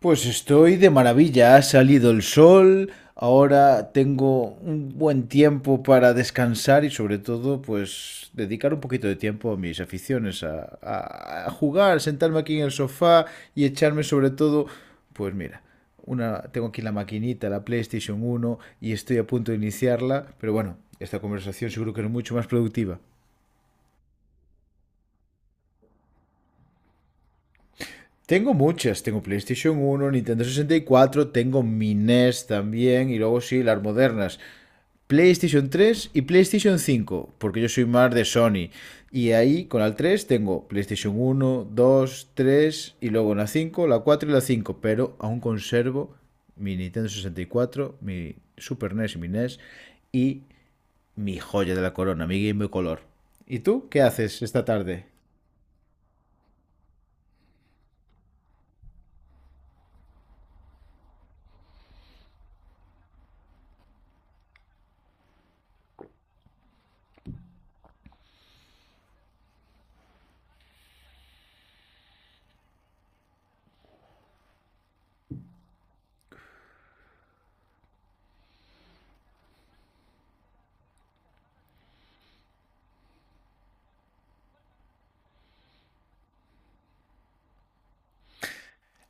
Pues estoy de maravilla, ha salido el sol, ahora tengo un buen tiempo para descansar y sobre todo pues dedicar un poquito de tiempo a mis aficiones, a jugar, sentarme aquí en el sofá y echarme sobre todo, pues mira, tengo aquí la maquinita, la PlayStation 1 y estoy a punto de iniciarla, pero bueno, esta conversación seguro que es mucho más productiva. Tengo muchas, tengo PlayStation 1, Nintendo 64, tengo mi NES también y luego sí, las modernas. PlayStation 3 y PlayStation 5, porque yo soy más de Sony. Y ahí con la 3 tengo PlayStation 1, 2, 3 y luego la 5, la 4 y la 5. Pero aún conservo mi Nintendo 64, mi Super NES y mi NES y mi joya de la corona, mi Game Boy Color. ¿Y tú qué haces esta tarde?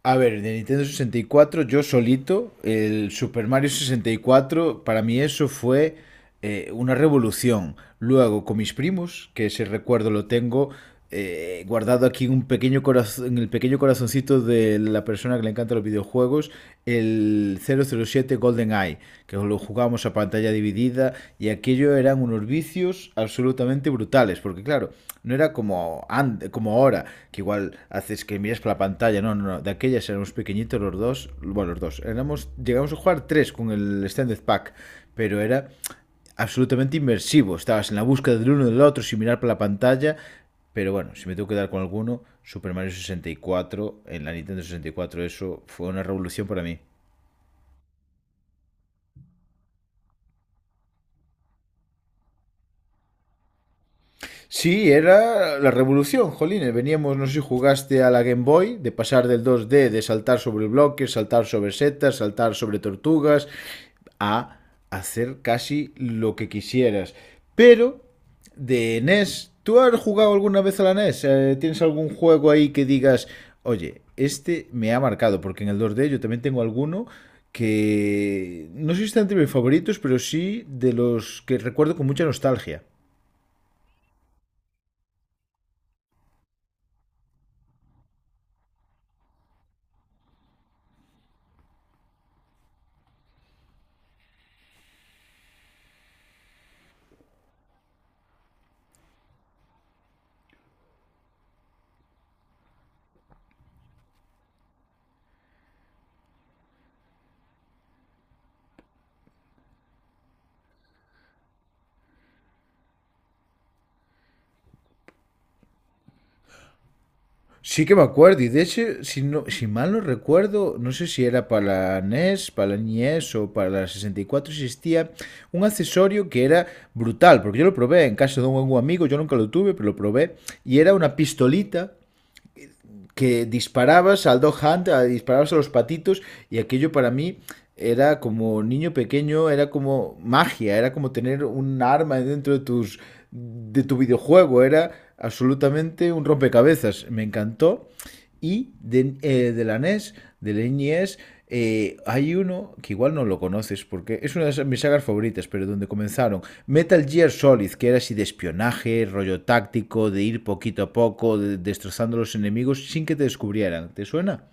A ver, de Nintendo 64, yo solito, el Super Mario 64, para mí eso fue una revolución. Luego, con mis primos, que ese recuerdo lo tengo guardado aquí en un pequeño corazón, en el pequeño corazoncito de la persona que le encanta los videojuegos, el 007 Golden Eye, que lo jugábamos a pantalla dividida, y aquello eran unos vicios absolutamente absolutamente brutales, porque claro, no era como ahora, que igual haces que miras para la pantalla. No, no, no, de aquellas éramos pequeñitos los dos, bueno, los dos, éramos, llegamos a jugar tres con el Standard Pack, pero era absolutamente inmersivo, estabas en la búsqueda del uno del otro sin mirar para la pantalla. Pero bueno, si me tengo que dar con alguno, Super Mario 64 en la Nintendo 64, eso fue una revolución para mí. Sí, era la revolución, jolines. Veníamos, no sé si jugaste a la Game Boy, de pasar del 2D de saltar sobre bloques, saltar sobre setas, saltar sobre tortugas, a hacer casi lo que quisieras. Pero, de NES, ¿tú has jugado alguna vez a la NES? ¿Tienes algún juego ahí que digas, oye, este me ha marcado? Porque en el 2D yo también tengo alguno que no sé si está entre mis favoritos, pero sí de los que recuerdo con mucha nostalgia. Sí que me acuerdo, y de hecho, si, no, si mal no recuerdo, no sé si era para la NES o para la 64, existía un accesorio que era brutal, porque yo lo probé en casa de un amigo, yo nunca lo tuve, pero lo probé, y era una pistolita que disparabas al Dog Hunt, disparabas a los patitos, y aquello para mí era como niño pequeño, era como magia, era como tener un arma dentro de tus de tu videojuego, era absolutamente un rompecabezas, me encantó. Y de la NES, del NES, hay uno que igual no lo conoces porque es una de mis sagas favoritas, pero donde comenzaron Metal Gear Solid, que era así de espionaje, rollo táctico, de ir poquito a poco, destrozando a los enemigos sin que te descubrieran. ¿Te suena?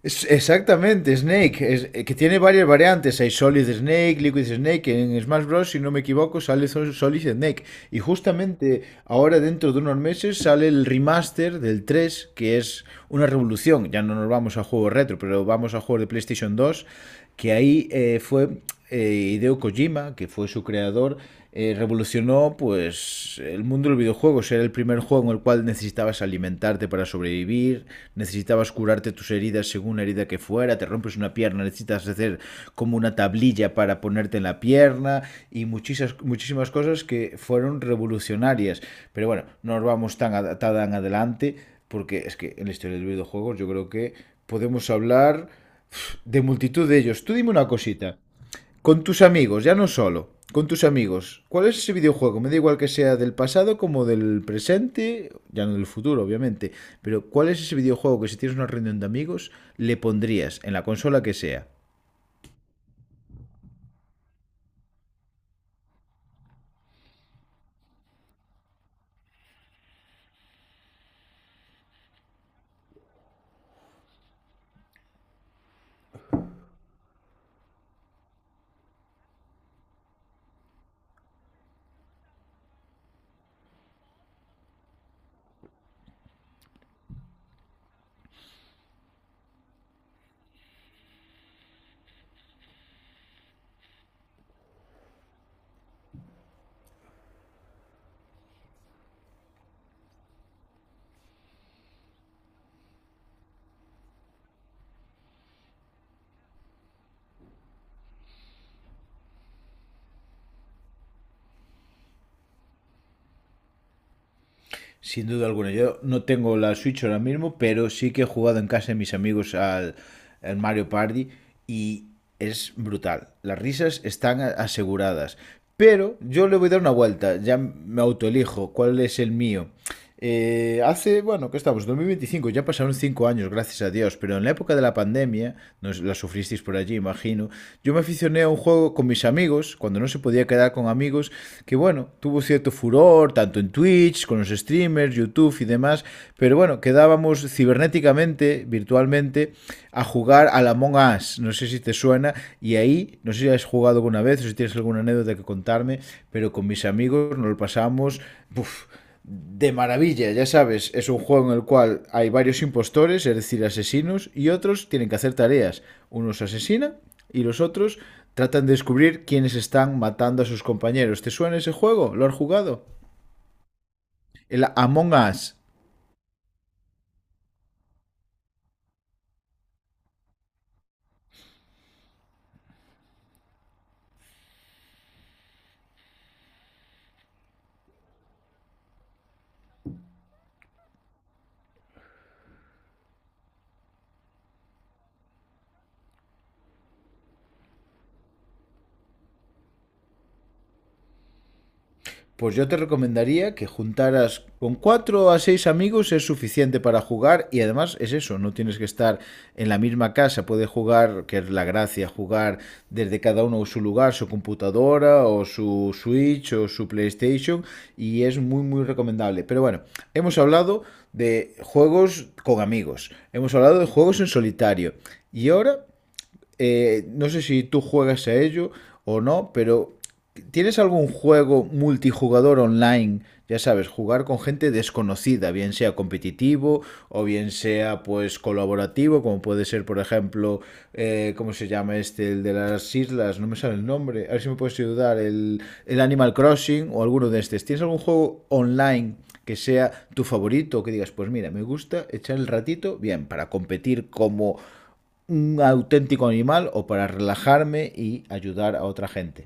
Exactamente, Snake, que tiene varias variantes. Hay Solid Snake, Liquid Snake. En Smash Bros., si no me equivoco, sale Solid Snake. Y justamente ahora, dentro de unos meses, sale el remaster del 3 que es una revolución. Ya no nos vamos a juegos retro, pero vamos a juegos de PlayStation 2, que ahí fue Hideo Kojima, que fue su creador, revolucionó pues el mundo del videojuego. Era el primer juego en el cual necesitabas alimentarte para sobrevivir, necesitabas curarte tus heridas según la herida que fuera, te rompes una pierna, necesitas hacer como una tablilla para ponerte en la pierna, y muchísimas, muchísimas cosas que fueron revolucionarias. Pero bueno, no nos vamos tan, tan adelante, porque es que en la historia del videojuego yo creo que podemos hablar de multitud de ellos. Tú dime una cosita. Con tus amigos, ya no solo. Con tus amigos. ¿Cuál es ese videojuego? Me da igual que sea del pasado como del presente, ya no del futuro, obviamente. Pero ¿cuál es ese videojuego que si tienes una reunión de amigos le pondrías en la consola que sea? Sin duda alguna, yo no tengo la Switch ahora mismo, pero sí que he jugado en casa de mis amigos al Mario Party y es brutal. Las risas están aseguradas. Pero yo le voy a dar una vuelta, ya me autoelijo cuál es el mío. Bueno, ¿qué estamos? 2025, ya pasaron 5 años, gracias a Dios, pero en la época de la pandemia, no la sufristeis por allí, imagino, yo me aficioné a un juego con mis amigos, cuando no se podía quedar con amigos, que bueno, tuvo cierto furor, tanto en Twitch, con los streamers, YouTube y demás, pero bueno, quedábamos cibernéticamente, virtualmente, a jugar al Among Us, no sé si te suena, y ahí, no sé si has jugado alguna vez o si tienes alguna anécdota que contarme, pero con mis amigos nos lo pasamos, uff, de maravilla, ya sabes, es un juego en el cual hay varios impostores, es decir, asesinos, y otros tienen que hacer tareas. Unos asesinan y los otros tratan de descubrir quiénes están matando a sus compañeros. ¿Te suena ese juego? ¿Lo has jugado? El Among Us. Pues yo te recomendaría que juntaras con 4 a 6 amigos, es suficiente para jugar, y además es eso, no tienes que estar en la misma casa, puedes jugar, que es la gracia, jugar desde cada uno su lugar, su computadora o su Switch o su PlayStation, y es muy muy recomendable. Pero bueno, hemos hablado de juegos con amigos, hemos hablado de juegos en solitario, y ahora no sé si tú juegas a ello o no, pero ¿tienes algún juego multijugador online? Ya sabes, jugar con gente desconocida, bien sea competitivo o bien sea pues colaborativo, como puede ser, por ejemplo, ¿cómo se llama este? El de las islas, no me sale el nombre, a ver si me puedes ayudar, el Animal Crossing o alguno de estos. ¿Tienes algún juego online que sea tu favorito, que digas, pues mira, me gusta echar el ratito, bien, para competir como un auténtico animal o para relajarme y ayudar a otra gente?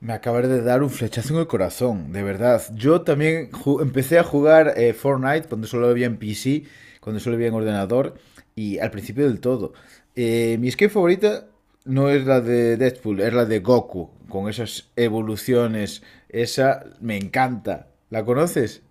Me acabas de dar un flechazo en el corazón, de verdad. Yo también empecé a jugar Fortnite cuando solo había en PC, cuando solo había en ordenador, y al principio del todo. Mi skin favorita no es la de Deadpool, es la de Goku, con esas evoluciones. Esa me encanta. ¿La conoces?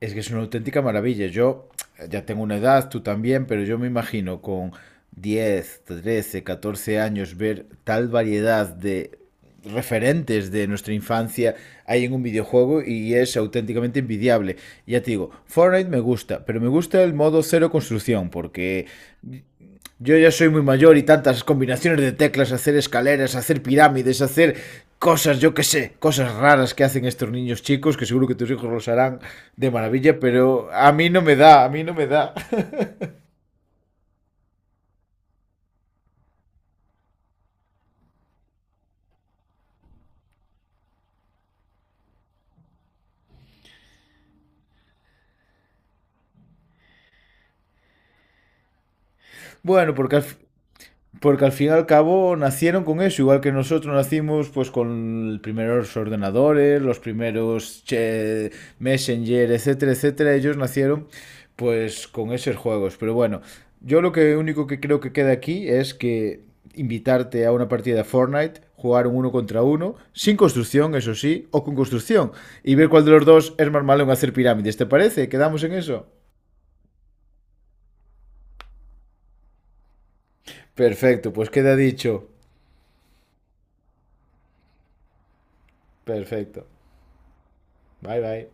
Es que es una auténtica maravilla. Yo ya tengo una edad, tú también, pero yo me imagino con 10, 13, 14 años ver tal variedad de referentes de nuestra infancia hay en un videojuego, y es auténticamente envidiable. Ya te digo, Fortnite me gusta, pero me gusta el modo cero construcción porque yo ya soy muy mayor, y tantas combinaciones de teclas, hacer escaleras, hacer pirámides, hacer cosas, yo qué sé, cosas raras que hacen estos niños chicos, que seguro que tus hijos los harán de maravilla, pero a mí no me da, a mí no me da. Bueno, porque al fin y al cabo nacieron con eso, igual que nosotros nacimos pues con los primeros ordenadores, los primeros che, Messenger, etcétera, etcétera. Ellos nacieron pues con esos juegos. Pero bueno, yo lo que único que creo que queda aquí es que invitarte a una partida de Fortnite, jugar un uno contra uno, sin construcción, eso sí, o con construcción, y ver cuál de los dos es más malo en hacer pirámides. ¿Te parece? ¿Quedamos en eso? Perfecto, pues queda dicho. Perfecto. Bye bye.